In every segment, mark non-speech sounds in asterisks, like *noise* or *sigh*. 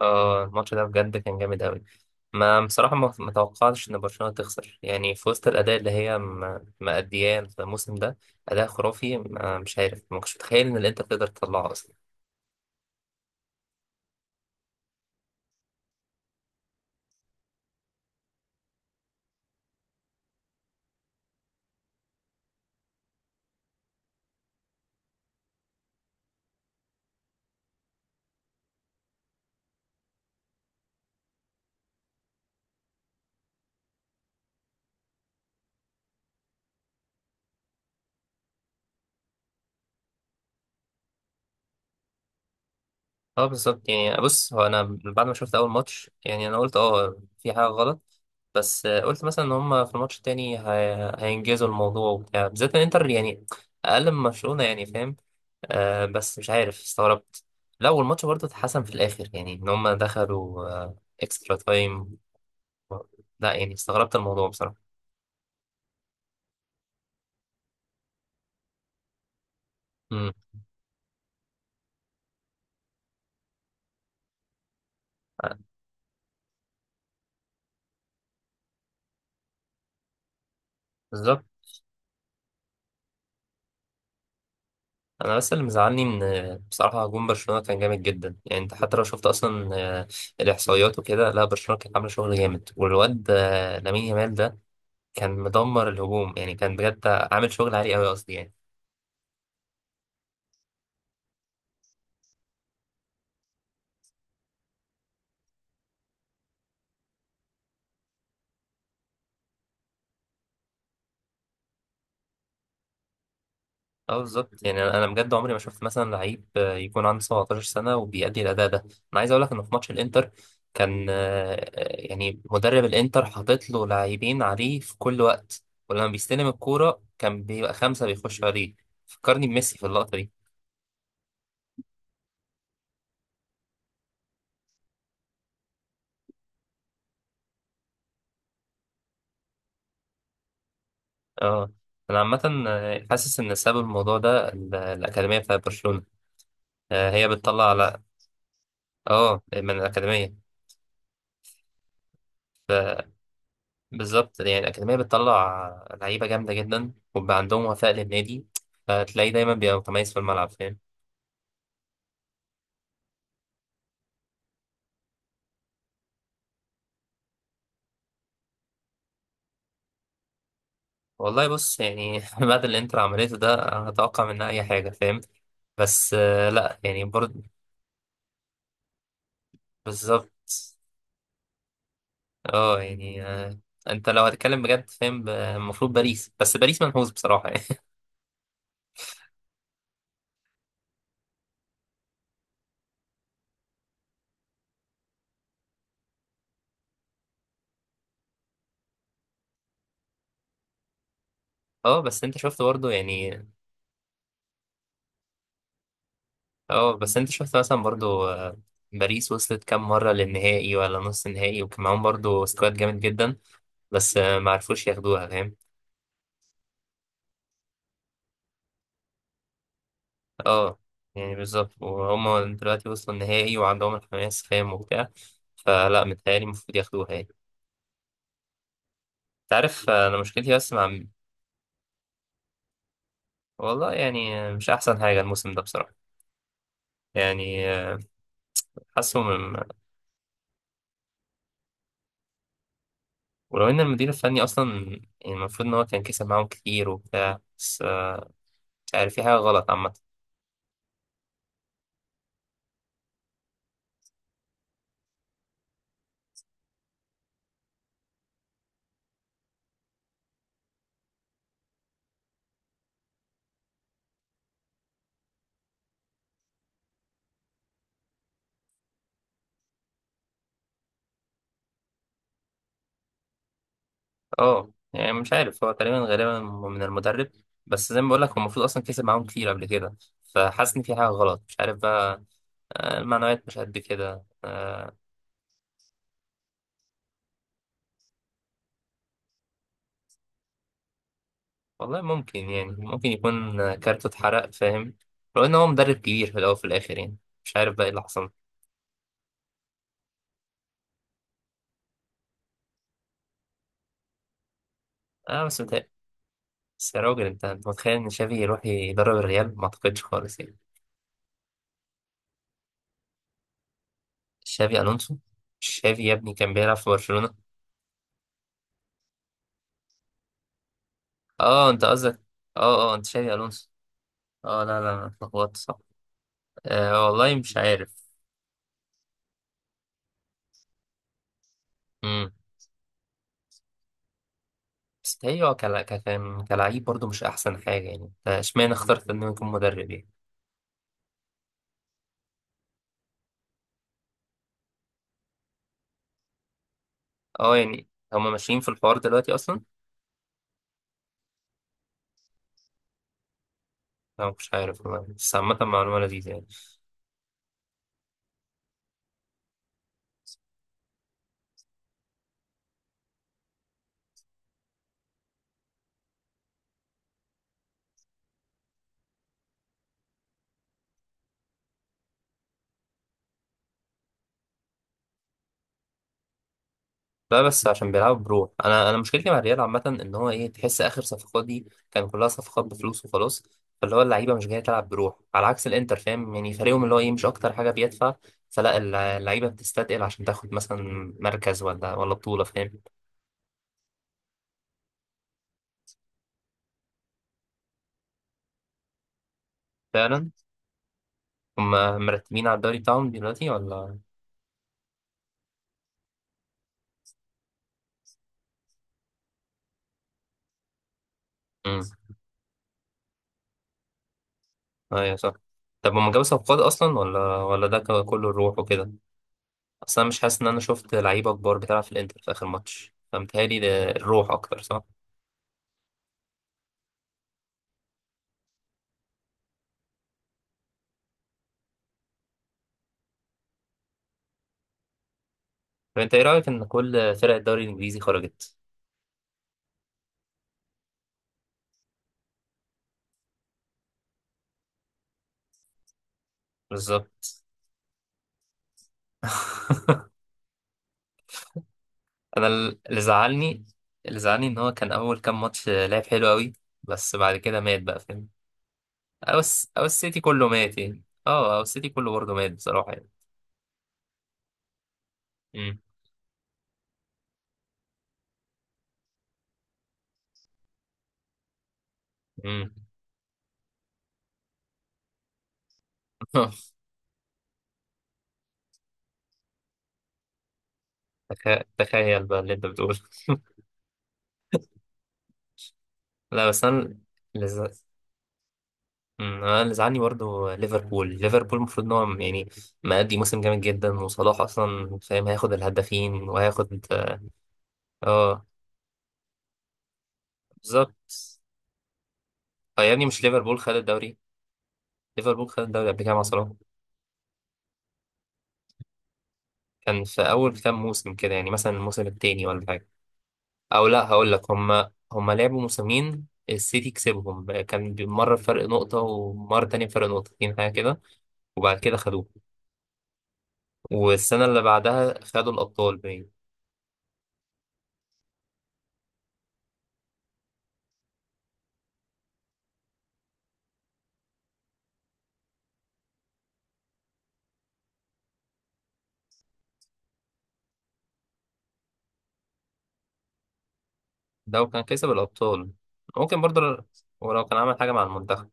اه الماتش ده بجد كان جامد أوي. ما بصراحة ما توقعتش إن برشلونة تخسر، يعني في وسط الأداء اللي هي مأدياه الموسم ده. أداء خرافي. مش عارف، ما كنتش متخيل إن الإنتر تقدر تطلعه أصلا. اه بالظبط، يعني بص، هو أنا بعد ما شفت أول ماتش يعني أنا قلت اه في حاجة غلط. بس قلت مثلا إن هما في الماتش التاني هينجزوا الموضوع وبتاع، بالذات إن الإنتر يعني أقل من برشلونة، يعني فاهم؟ آه بس مش عارف، استغربت. لا والماتش برضه اتحسن في الاخر، يعني ان هم دخلوا آه اكسترا تايم. لا يعني استغربت الموضوع بصراحه. امم بالظبط. انا بس اللي مزعلني ان بصراحه هجوم برشلونه كان جامد جدا، يعني انت حتى لو شفت اصلا آه، الاحصائيات وكده، لا برشلونه كانت عامله شغل جامد، والواد لامين يامال ده كان مدمر الهجوم، يعني كان بجد عامل شغل عالي قوي، قصدي يعني. اه بالظبط، يعني أنا بجد عمري ما شفت مثلا لعيب يكون عنده 17 سنه وبيأدي الاداء ده. انا عايز اقول لك انه في ماتش الانتر كان يعني مدرب الانتر حاطط له لاعبين عليه في كل وقت. ولما بيستلم الكوره كان بيبقى خمسه بيخشوا عليه. فكرني بميسي في اللقطه دي. اه، انا عامه حاسس ان سبب الموضوع ده الاكاديميه بتاعت برشلونه. هي بتطلع على. اه من الاكاديميه. بالظبط، يعني الأكاديمية بتطلع لعيبة جامدة جدا وبيبقى عندهم وفاء للنادي، فتلاقيه دايما بيبقى متميز في الملعب، فاهم؟ والله بص يعني *laughs* بعد اللي انتر عملته ده أنا هتوقع منها أي حاجة، فاهم؟ بس لا يعني برضه. بالظبط. اه يعني انت لو هتتكلم بجد، فاهم؟ المفروض باريس. بس باريس منحوس بصراحة يعني *laughs* اه بس انت شفت برضه يعني. اه بس انت شفت مثلا برضه باريس وصلت كام مرة للنهائي ولا نص النهائي، وكان معاهم برضه سكواد جامد جدا، بس ما عرفوش ياخدوها، فاهم؟ اه يعني بالظبط، وهم دلوقتي وصلوا النهائي وعندهم الحماس، فاهم؟ وبتاع. فلا، متهيألي المفروض ياخدوها يعني. انت عارف انا مشكلتي بس مع. والله يعني مش احسن حاجة الموسم ده بصراحة. يعني حاسه من. ولو ان المدير الفني اصلا، يعني المفروض ان هو كان كسب معاهم كتير وبتاع، بس مش عارف، في حاجة غلط عامة. اه يعني مش عارف، هو تقريبا غالبا من المدرب. بس زي ما بقول لك هو المفروض اصلا كسب معاهم كتير قبل كده، فحاسس ان في حاجة غلط، مش عارف بقى. المعنويات مش قد كده والله ممكن، يعني ممكن يكون كارته اتحرق، فاهم؟ لو ان هو مدرب كبير في الاول وفي الاخر يعني. مش عارف بقى ايه اللي حصل. اه بس متهيألي. بس يا راجل، انت متخيل ان شافي يروح يدرب الريال؟ ما اعتقدش خالص يعني. شافي الونسو. شافي يا ابني كان بيلعب في برشلونة. اه انت قصدك، اه اه، انت شافي الونسو. اه لا لا، أنا اتلخبطت، صح. آه والله مش عارف. امم بس هي هو كان كلاعب برضه مش احسن حاجة، يعني اشمعنى اخترت انه يكون مدرب يعني؟ اه يعني هما ماشيين في الحوار دلوقتي اصلا. انا مش عارف والله، بس عامة معلومة لذيذة يعني. لا بس عشان بيلعبوا بروح. انا مشكلتي مع الريال عامة ان هو ايه، تحس اخر صفقات دي كان كلها صفقات بفلوس وخلاص، فاللي هو اللعيبة مش جاية تلعب بروح على عكس الانتر، فاهم؟ يعني فريقهم اللي هو ايه مش اكتر حاجة بيدفع، فلا اللعيبة بتستثقل عشان تاخد مثلا مركز ولا بطولة، فاهم؟ فعلا. هما مرتبين على الدوري بتاعهم دلوقتي ولا؟ امم. ايوه صح. طب هما جابوا صفقات اصلا ولا ده كله الروح وكده؟ اصل انا مش حاسس ان انا شفت لعيبه كبار بتلعب في الانتر في اخر ماتش، فمتهيألي ده الروح اكتر، صح. طب انت ايه رايك ان كل فرق الدوري الانجليزي خرجت؟ بالظبط. انا اللي زعلني، اللي زعلني ان هو كان اول كام ماتش لعب حلو قوي، بس بعد كده مات بقى، فاهم؟ او السيتي كله مات يعني. اه او السيتي كله برضه مات بصراحه يعني. امم. امم. *laughs* تخيل بقى اللي انت بتقوله. *laughs* لا بس انا. انا اللي زعلني برضه ليفربول. ليفربول المفروض ان هو يعني مأدي موسم جامد جدا، وصلاح اصلا، فاهم؟ هياخد الهدافين وهياخد. اه بالظبط. اه يا ابني مش ليفربول خد الدوري. ليفربول خد الدوري قبل كده مع صلاح. كان في اول كام موسم كده، يعني مثلا الموسم التاني ولا حاجه. او لا، هقول لك هما لعبوا موسمين، السيتي كسبهم، كان مره بفرق نقطه ومره تانية بفرق نقطتين، حاجه كده. وبعد كده خدوه، والسنه اللي بعدها خدوا الابطال. لو كان كسب الأبطال ممكن برضه، ولو كان عمل حاجة مع المنتخب.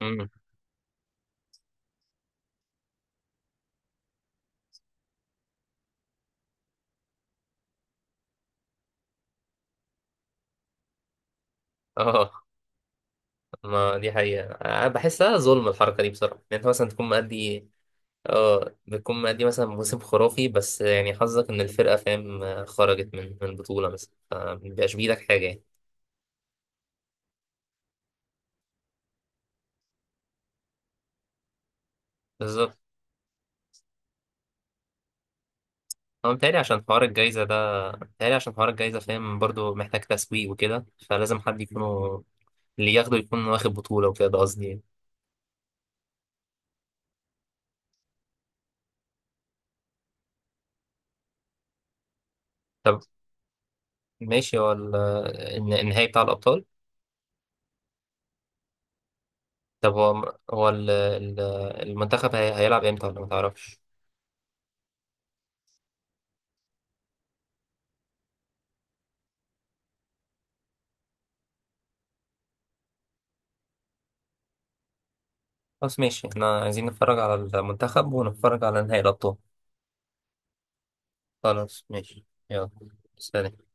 امم. اه، ما دي حقيقة، أنا بحسها ظلم الحركة دي بصراحة. يعني أنت مثلا تكون مأدي. اه بتكون مأدي مثلا موسم خرافي، بس يعني حظك إن الفرقة، فاهم؟ خرجت من بطولة مثلا، فمبيبقاش بإيدك حاجة يعني. بالظبط. هو متهيألي عشان حوار الجايزة ده. متهيألي عشان حوار الجايزة، فاهم؟ برضه محتاج تسويق وكده، فلازم حد يكونوا اللي ياخده يكون واخد بطولة وكده، ده قصدي يعني. طب ماشي. هو النهائي بتاع الأبطال. طب هو المنتخب هيلعب امتى ولا ما تعرفش؟ خلاص ماشي، احنا عايزين نتفرج على المنتخب ونتفرج على نهائي الابطال. خلاص ماشي يلا. سلام.